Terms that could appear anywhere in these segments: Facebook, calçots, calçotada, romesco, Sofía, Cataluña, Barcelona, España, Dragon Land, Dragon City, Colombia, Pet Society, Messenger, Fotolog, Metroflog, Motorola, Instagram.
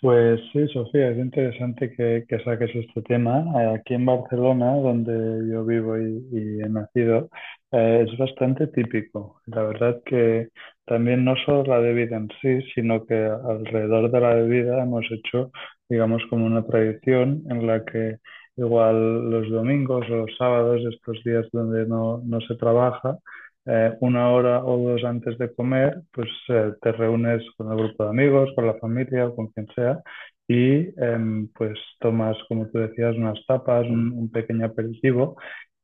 Pues sí, Sofía, es interesante que saques este tema. Aquí en Barcelona, donde yo vivo y he nacido, es bastante típico. La verdad que también no solo la bebida en sí, sino que alrededor de la bebida hemos hecho, digamos, como una tradición en la que igual los domingos o los sábados, estos días donde no se trabaja, una hora o dos antes de comer, pues te reúnes con el grupo de amigos, con la familia o con quien sea y pues tomas, como tú decías, unas tapas, un pequeño aperitivo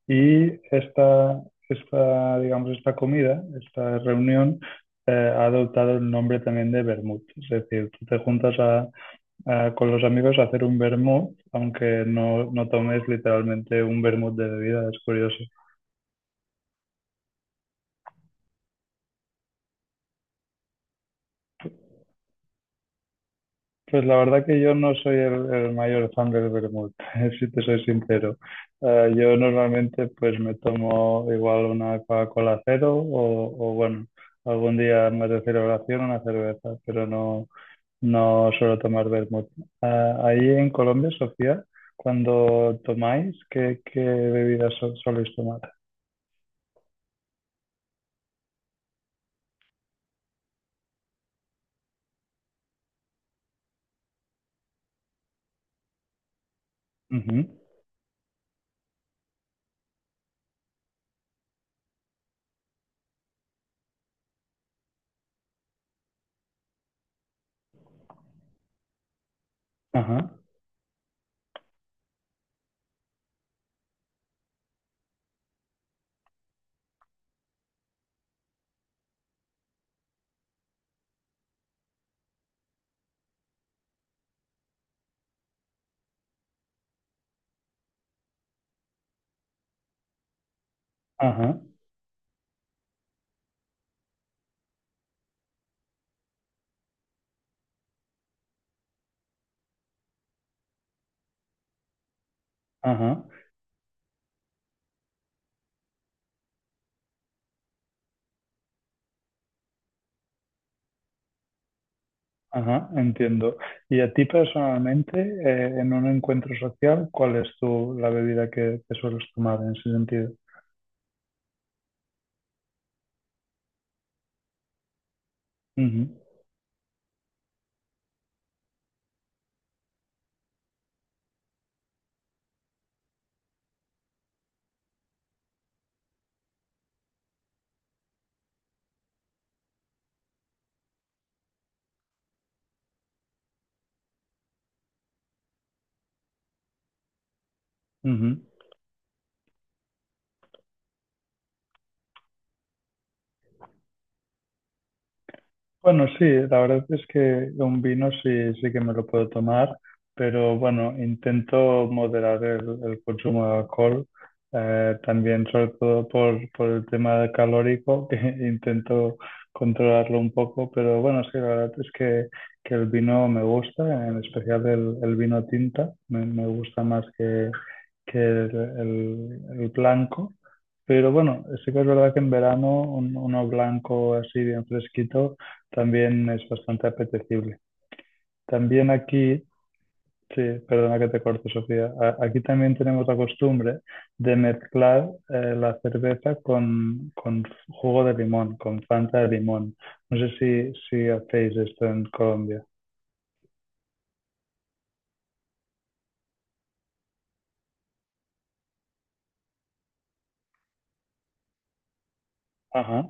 y esta, digamos, esta comida, esta reunión ha adoptado el nombre también de vermut. Es decir, tú te juntas a, con los amigos a hacer un vermut, aunque no tomes literalmente un vermut de bebida, es curioso. Pues la verdad que yo no soy el mayor fan del vermut, si te soy sincero. Yo normalmente pues me tomo igual una Coca-Cola cero o, bueno, algún día más de celebración una cerveza, pero no suelo tomar vermut. Ah, ahí en Colombia, Sofía, cuando tomáis, qué bebidas soléis tomar? Ujú. Ajá, ajá, ajá. Ajá, entiendo. Y a ti personalmente, en un encuentro social, ¿cuál es tu, la bebida que sueles tomar en ese sentido? Ujú, ujú. Bueno, sí, la verdad es que un vino sí, sí que me lo puedo tomar, pero bueno, intento moderar el consumo de alcohol, también sobre todo por el tema del calórico, que intento controlarlo un poco, pero bueno, sí, la verdad es que el vino me gusta, en especial el vino tinta, me gusta más que el blanco, pero bueno, sí que es verdad que en verano uno blanco así bien fresquito también es bastante apetecible. También aquí, sí, perdona que te corte, Sofía, aquí también tenemos la costumbre de mezclar la cerveza con jugo de limón, con Fanta de limón. No sé si hacéis esto en Colombia. Ajá.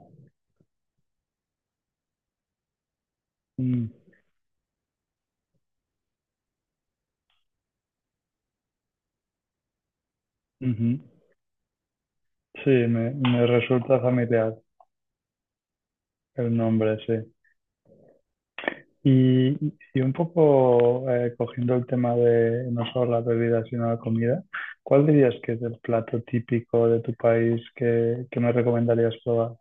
Mm, ujú. Sí, me resulta familiar el nombre, sí. Y, y un poco cogiendo el tema de no solo la bebida, sino la comida, ¿cuál dirías que es el plato típico de tu país que me recomendarías probar?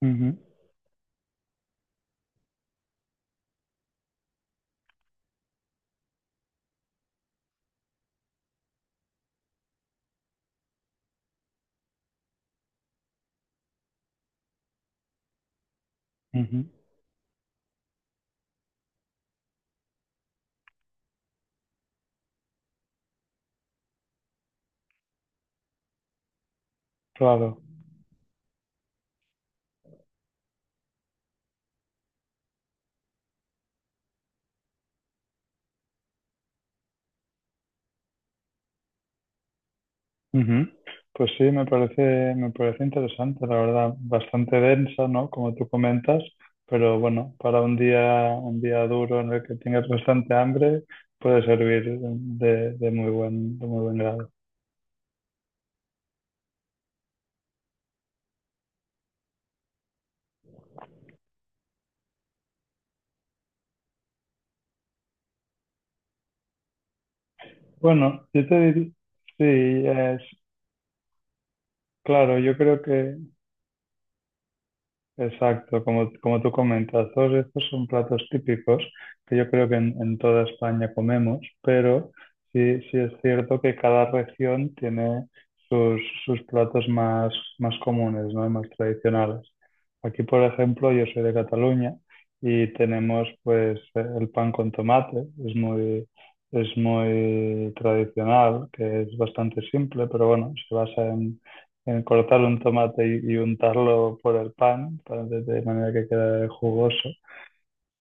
Ujú, ujú, claro. Ujú. Pues sí, me parece interesante, la verdad, bastante densa, ¿no? Como tú comentas, pero bueno, para un día duro en el que tengas bastante hambre, puede servir de muy buen grado. Bueno, yo te diría, sí. Claro, yo creo que, exacto, como, como tú comentas, todos estos son platos típicos que yo creo que en toda España comemos, pero sí, sí es cierto que cada región tiene sus platos más, más comunes, ¿no? Y más tradicionales. Aquí, por ejemplo, yo soy de Cataluña y tenemos pues el pan con tomate, es muy, es muy tradicional, que es bastante simple, pero bueno, se basa en cortar un tomate y untarlo por el pan, para, de manera que quede jugoso.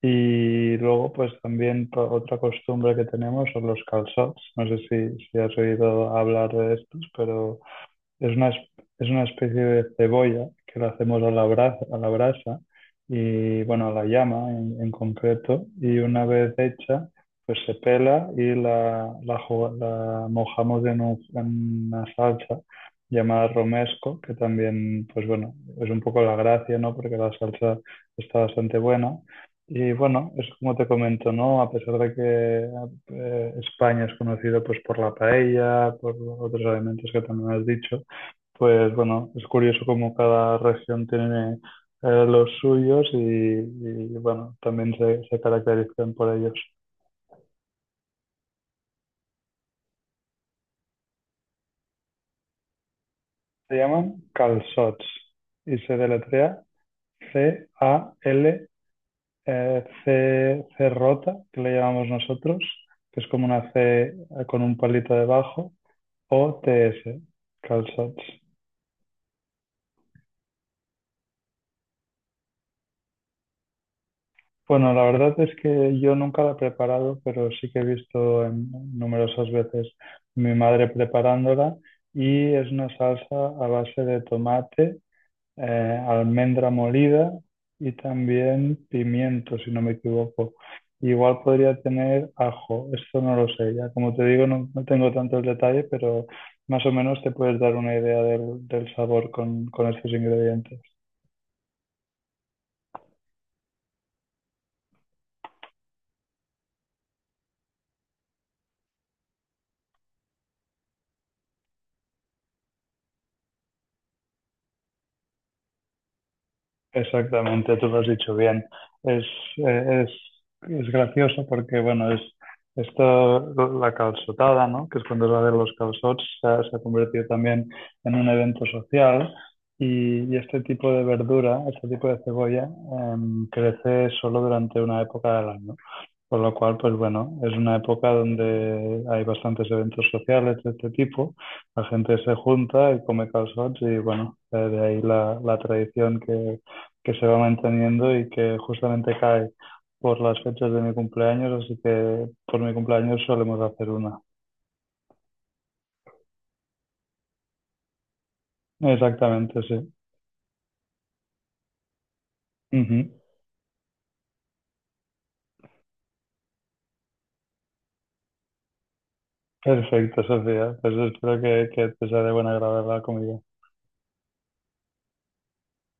Y luego, pues también otra costumbre que tenemos son los calçots. No sé si has oído hablar de estos, pero es una, es es una especie de cebolla que la hacemos a la brasa y bueno, a la llama en concreto. Y una vez hecha, pues se pela y la mojamos en una salsa llamada romesco, que también, pues bueno, es un poco la gracia, ¿no? Porque la salsa está bastante buena. Y bueno, es como te comento, ¿no? A pesar de que España es conocido pues por la paella, por otros alimentos que también has dicho, pues bueno, es curioso cómo cada región tiene los suyos y, bueno, también se caracterizan por ellos. Se llaman calçots y se deletrea C-A-L, C, C rota, que le llamamos nosotros, que es como una C eh, con un palito debajo, o T-S, calçots. Bueno, la verdad es que yo nunca la he preparado, pero sí que he visto numerosas veces mi madre preparándola y es una salsa a base de tomate, almendra molida y también pimiento, si no me equivoco. Igual podría tener ajo, esto no lo sé, ya como te digo no tengo tanto el detalle, pero más o menos te puedes dar una idea del sabor con estos ingredientes. Exactamente, tú lo has dicho bien. Es, eh, es, es gracioso porque, bueno, es esto, la calçotada, ¿no? Que es cuando es la de los calçots, se ha convertido también en un evento social y este tipo de verdura, este tipo de cebolla, crece solo durante una época del año. Con lo cual, pues bueno, es una época donde hay bastantes eventos sociales de este tipo, la gente se junta y come calçots y bueno, de ahí la, la tradición que se va manteniendo y que justamente cae por las fechas de mi cumpleaños, así que por mi cumpleaños solemos hacer una. Exactamente, sí. Ujú. Perfecto, Sofía. Pues espero que te sea de buen agrado la comida.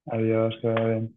Adiós, que vaya bien.